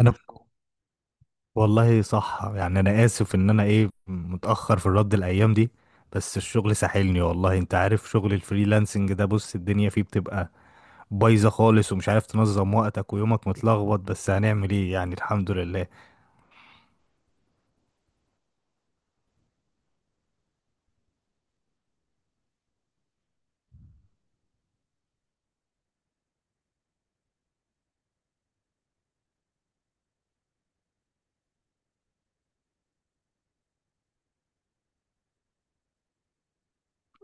انا والله صح يعني انا اسف ان انا ايه متاخر في الرد الايام دي. بس الشغل ساحلني، والله انت عارف شغل الفريلانسنج ده، بص الدنيا فيه بتبقى بايظه خالص ومش عارف تنظم وقتك، ويومك متلخبط، بس هنعمل ايه يعني، الحمد لله.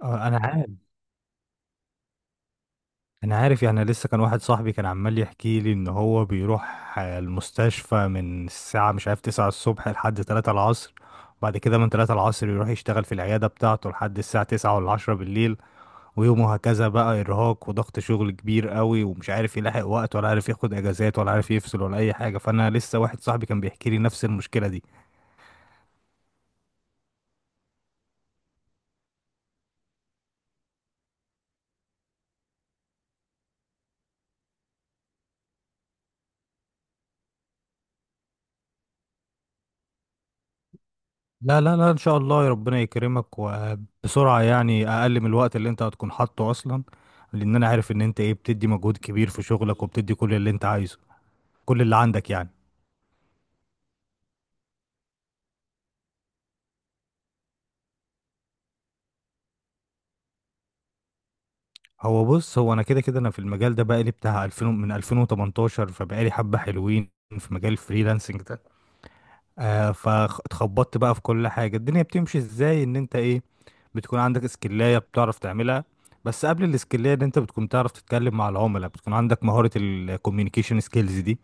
انا عارف، انا عارف. يعني لسه كان واحد صاحبي كان عمال يحكي لي ان هو بيروح المستشفى من الساعه مش عارف 9 الصبح لحد 3 العصر، بعد كده من 3 العصر يروح يشتغل في العياده بتاعته لحد الساعه 9 ولا 10 بالليل، ويومه هكذا. بقى إرهاق وضغط شغل كبير قوي، ومش عارف يلاحق وقت، ولا عارف ياخد أجازات، ولا عارف يفصل ولا أي حاجة. فأنا لسه واحد صاحبي كان بيحكي لي نفس المشكلة دي. لا لا لا، إن شاء الله ربنا يكرمك وبسرعة، يعني أقل من الوقت اللي أنت هتكون حاطه أصلا، لأن أنا عارف إن أنت إيه بتدي مجهود كبير في شغلك وبتدي كل اللي أنت عايزه، كل اللي عندك يعني. هو بص، هو أنا كده كده أنا في المجال ده بقالي بتاع 2000، من 2018 فبقالي حبة حلوين في مجال الفريلانسنج ده. آه، فاتخبطت بقى في كل حاجة. الدنيا بتمشي ازاي، ان انت ايه بتكون عندك اسكلاية بتعرف تعملها، بس قبل الاسكلاية ان انت بتكون تعرف تتكلم مع العملاء، بتكون عندك مهارة الكوميونيكيشن سكيلز دي،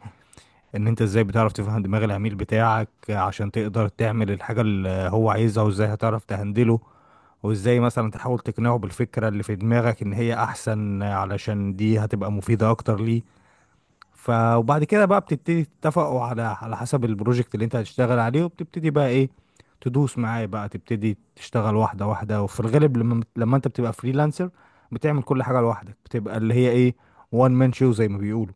ان انت ازاي بتعرف تفهم دماغ العميل بتاعك عشان تقدر تعمل الحاجة اللي هو عايزها، وازاي هتعرف تهندله، وازاي مثلا تحاول تقنعه بالفكرة اللي في دماغك ان هي احسن، علشان دي هتبقى مفيدة اكتر ليه. وبعد كده بقى بتبتدي تتفقوا على حسب البروجكت اللي انت هتشتغل عليه، وبتبتدي بقى ايه، تدوس معاه، بقى تبتدي تشتغل واحدة واحدة. وفي الغالب لما انت بتبقى فريلانسر بتعمل كل حاجة لوحدك، بتبقى اللي هي ايه، وان مان شو زي ما بيقولوا.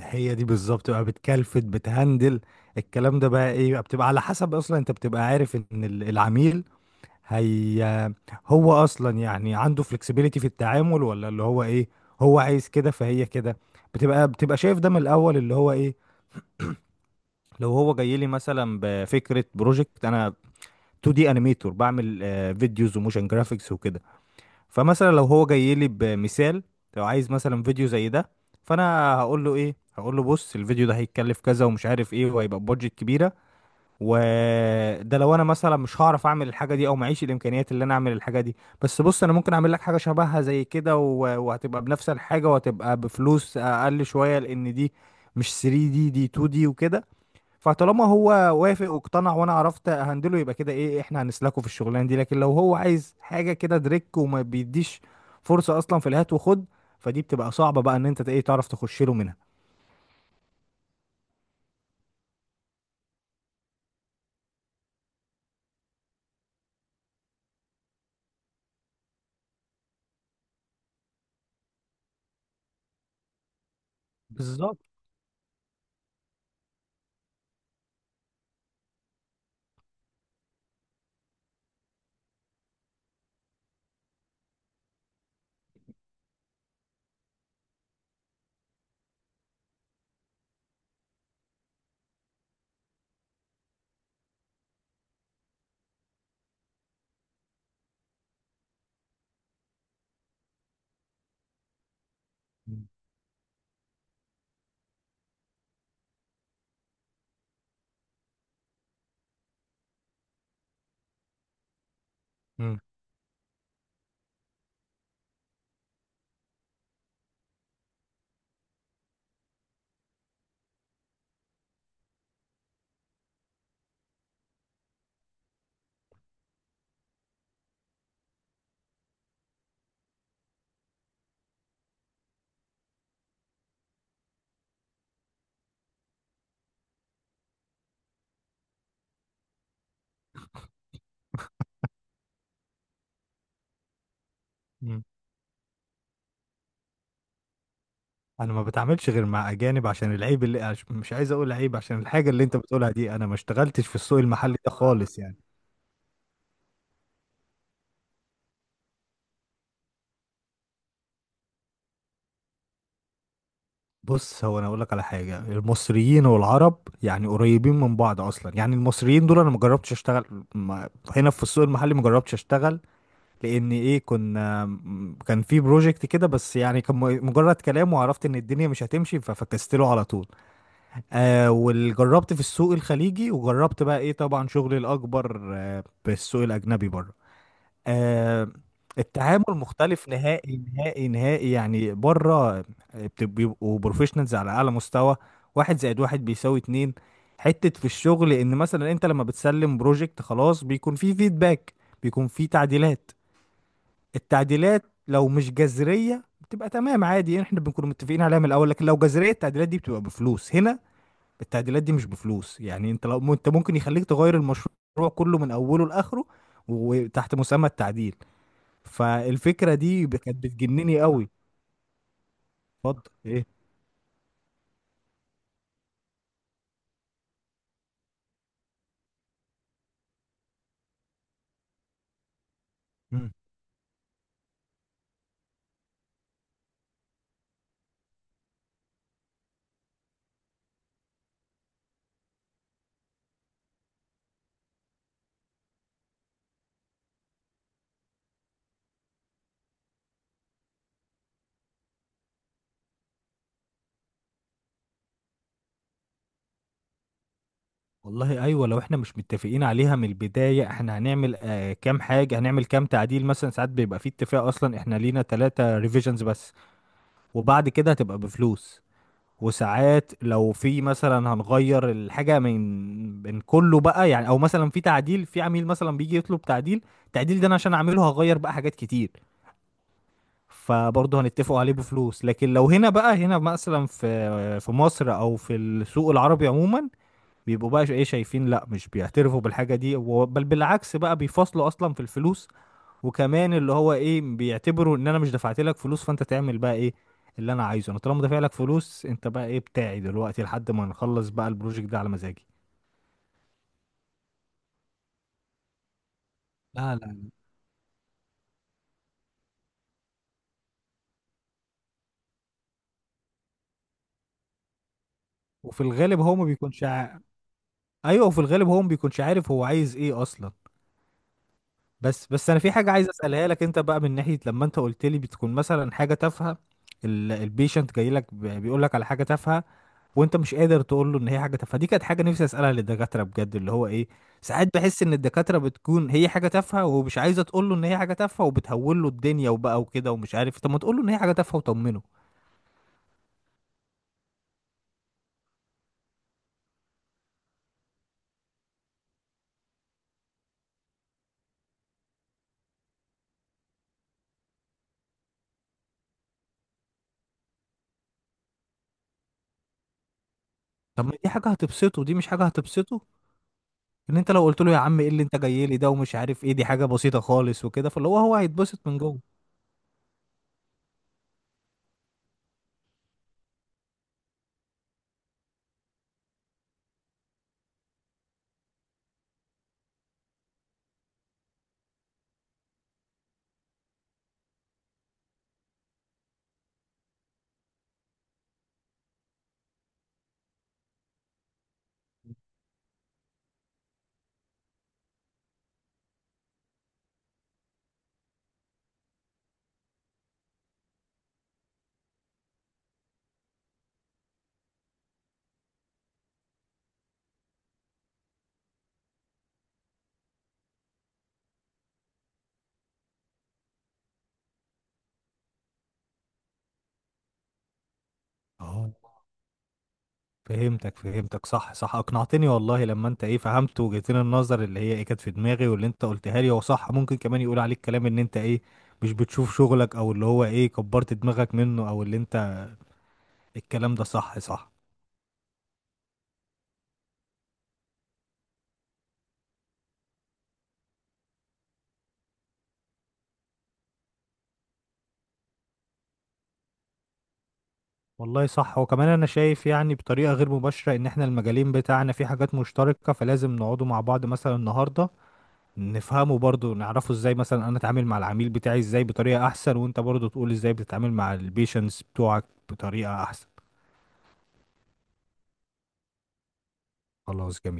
هي دي بالظبط بقى، بتكلفت بتهندل. الكلام ده بقى ايه بقى، بتبقى على حسب اصلا انت بتبقى عارف ان العميل هي هو اصلا يعني عنده flexibility في التعامل، ولا اللي هو ايه، هو عايز كده فهي كده. بتبقى شايف ده من الاول، اللي هو ايه، لو هو جاي لي مثلا بفكره بروجكت، انا 2D انيميتور، بعمل فيديوز وموشن جرافيكس وكده. فمثلا لو هو جاي لي بمثال، لو عايز مثلا فيديو زي ده، فانا هقول له ايه، هقول له بص الفيديو ده هيتكلف كذا، ومش عارف ايه، وهيبقى بادجت كبيره، وده لو انا مثلا مش هعرف اعمل الحاجه دي، او معيش الامكانيات اللي انا اعمل الحاجه دي. بس بص، انا ممكن اعمل لك حاجه شبهها زي كده وهتبقى بنفس الحاجه، وهتبقى بفلوس اقل شويه، لان دي مش 3 دي، دي 2 دي وكده. فطالما هو وافق واقتنع، وانا عرفت اهندله، يبقى كده ايه، احنا هنسلكه في الشغلانه دي. لكن لو هو عايز حاجه كده دريك، وما بيديش فرصه اصلا في الهات وخد، فدي بتبقى صعبه بقى ان انت ايه تعرف تخش له منها. بالظبط. مم. مم. انا ما بتعاملش غير مع اجانب، عشان العيب اللي مش عايز اقول عيب، عشان الحاجه اللي انت بتقولها دي، انا ما اشتغلتش في السوق المحلي ده خالص يعني. بص، هو انا اقول لك على حاجه، المصريين والعرب يعني قريبين من بعض اصلا، يعني المصريين دول انا ما جربتش اشتغل، ما هنا في السوق المحلي ما جربتش اشتغل، لان ايه، كنا كان في بروجكت كده، بس يعني كان مجرد كلام، وعرفت ان الدنيا مش هتمشي ففكست له على طول. آه، وجربت في السوق الخليجي، وجربت بقى ايه، طبعا شغلي الاكبر آه بالسوق الاجنبي برضه. آه، التعامل مختلف نهائي نهائي نهائي، يعني بره بيبقوا بروفيشنالز على اعلى مستوى. واحد زائد واحد بيساوي اتنين. حتة في الشغل، ان مثلا انت لما بتسلم بروجكت خلاص، بيكون فيه فيدباك، بيكون فيه تعديلات. التعديلات لو مش جذرية بتبقى تمام عادي، يعني احنا بنكون متفقين عليها من الاول، لكن لو جذرية التعديلات دي بتبقى بفلوس. هنا التعديلات دي مش بفلوس، يعني انت لو انت ممكن يخليك تغير المشروع كله من اوله لاخره، وتحت مسمى التعديل. فالفكرة دي كانت بتجنني قوي. اتفضل ايه. مم. والله ايوه، لو احنا مش متفقين عليها من البداية احنا هنعمل كام حاجة، هنعمل كام تعديل. مثلا ساعات بيبقى في اتفاق اصلا احنا لينا ثلاثة ريفيجنز بس، وبعد كده هتبقى بفلوس. وساعات لو في مثلا هنغير الحاجة من كله بقى يعني، او مثلا في تعديل، في عميل مثلا بيجي يطلب تعديل، التعديل ده انا عشان اعمله هغير بقى حاجات كتير، فبرضه هنتفقوا عليه بفلوس. لكن لو هنا بقى، هنا مثلا في مصر او في السوق العربي عموما بيبقوا بقى ايه، شايفين لا، مش بيعترفوا بالحاجة دي، بل بالعكس بقى بيفصلوا اصلا في الفلوس. وكمان اللي هو ايه، بيعتبروا ان انا مش دفعت لك فلوس فانت تعمل بقى ايه اللي انا عايزه انا، طالما دافع لك فلوس انت بقى ايه بتاعي دلوقتي لحد ما نخلص بقى البروجكت ده على مزاجي. لا لا لا. وفي الغالب هو ما بيكونش ايوه، وفي الغالب هو ما بيكونش عارف هو عايز ايه اصلا. بس انا في حاجه عايز اسالها لك انت بقى، من ناحيه لما انت قلت لي بتكون مثلا حاجه تافهه، البيشنت جاي لك بيقول لك على حاجه تافهه، وانت مش قادر تقول له ان هي حاجه تافهه، دي كانت حاجه نفسي اسالها للدكاتره بجد، اللي هو ايه، ساعات بحس ان الدكاتره بتكون هي حاجه تافهه، ومش عايزه تقول له ان هي حاجه تافهه، وبتهول له الدنيا وبقى وكده، ومش عارف، طب ما تقول له ان هي حاجه تافهه وطمنه. طب ما دي حاجه هتبسطه، دي مش حاجه هتبسطه، ان انت لو قلت له يا عم ايه اللي انت جاي لي ده، ومش عارف ايه، دي حاجه بسيطه خالص وكده، فاللي هو هو هيتبسط من جوه. اه، فهمتك فهمتك. صح صح، اقنعتني والله. لما انت ايه، فهمت وجهتين النظر اللي هي ايه كانت في دماغي، واللي انت قلتها لي هو صح، ممكن كمان يقول عليك كلام ان انت ايه مش بتشوف شغلك، او اللي هو ايه كبرت دماغك منه، او اللي انت، الكلام ده صح صح. والله صح، وكمان انا شايف يعني بطريقة غير مباشرة ان احنا المجالين بتاعنا في حاجات مشتركة، فلازم نقعدوا مع بعض مثلا النهاردة، نفهمه برضو، نعرفه ازاي مثلا انا اتعامل مع العميل بتاعي ازاي بطريقة احسن، وانت برضو تقول ازاي بتتعامل مع البيشنس بتوعك بطريقة احسن. خلاص جميل.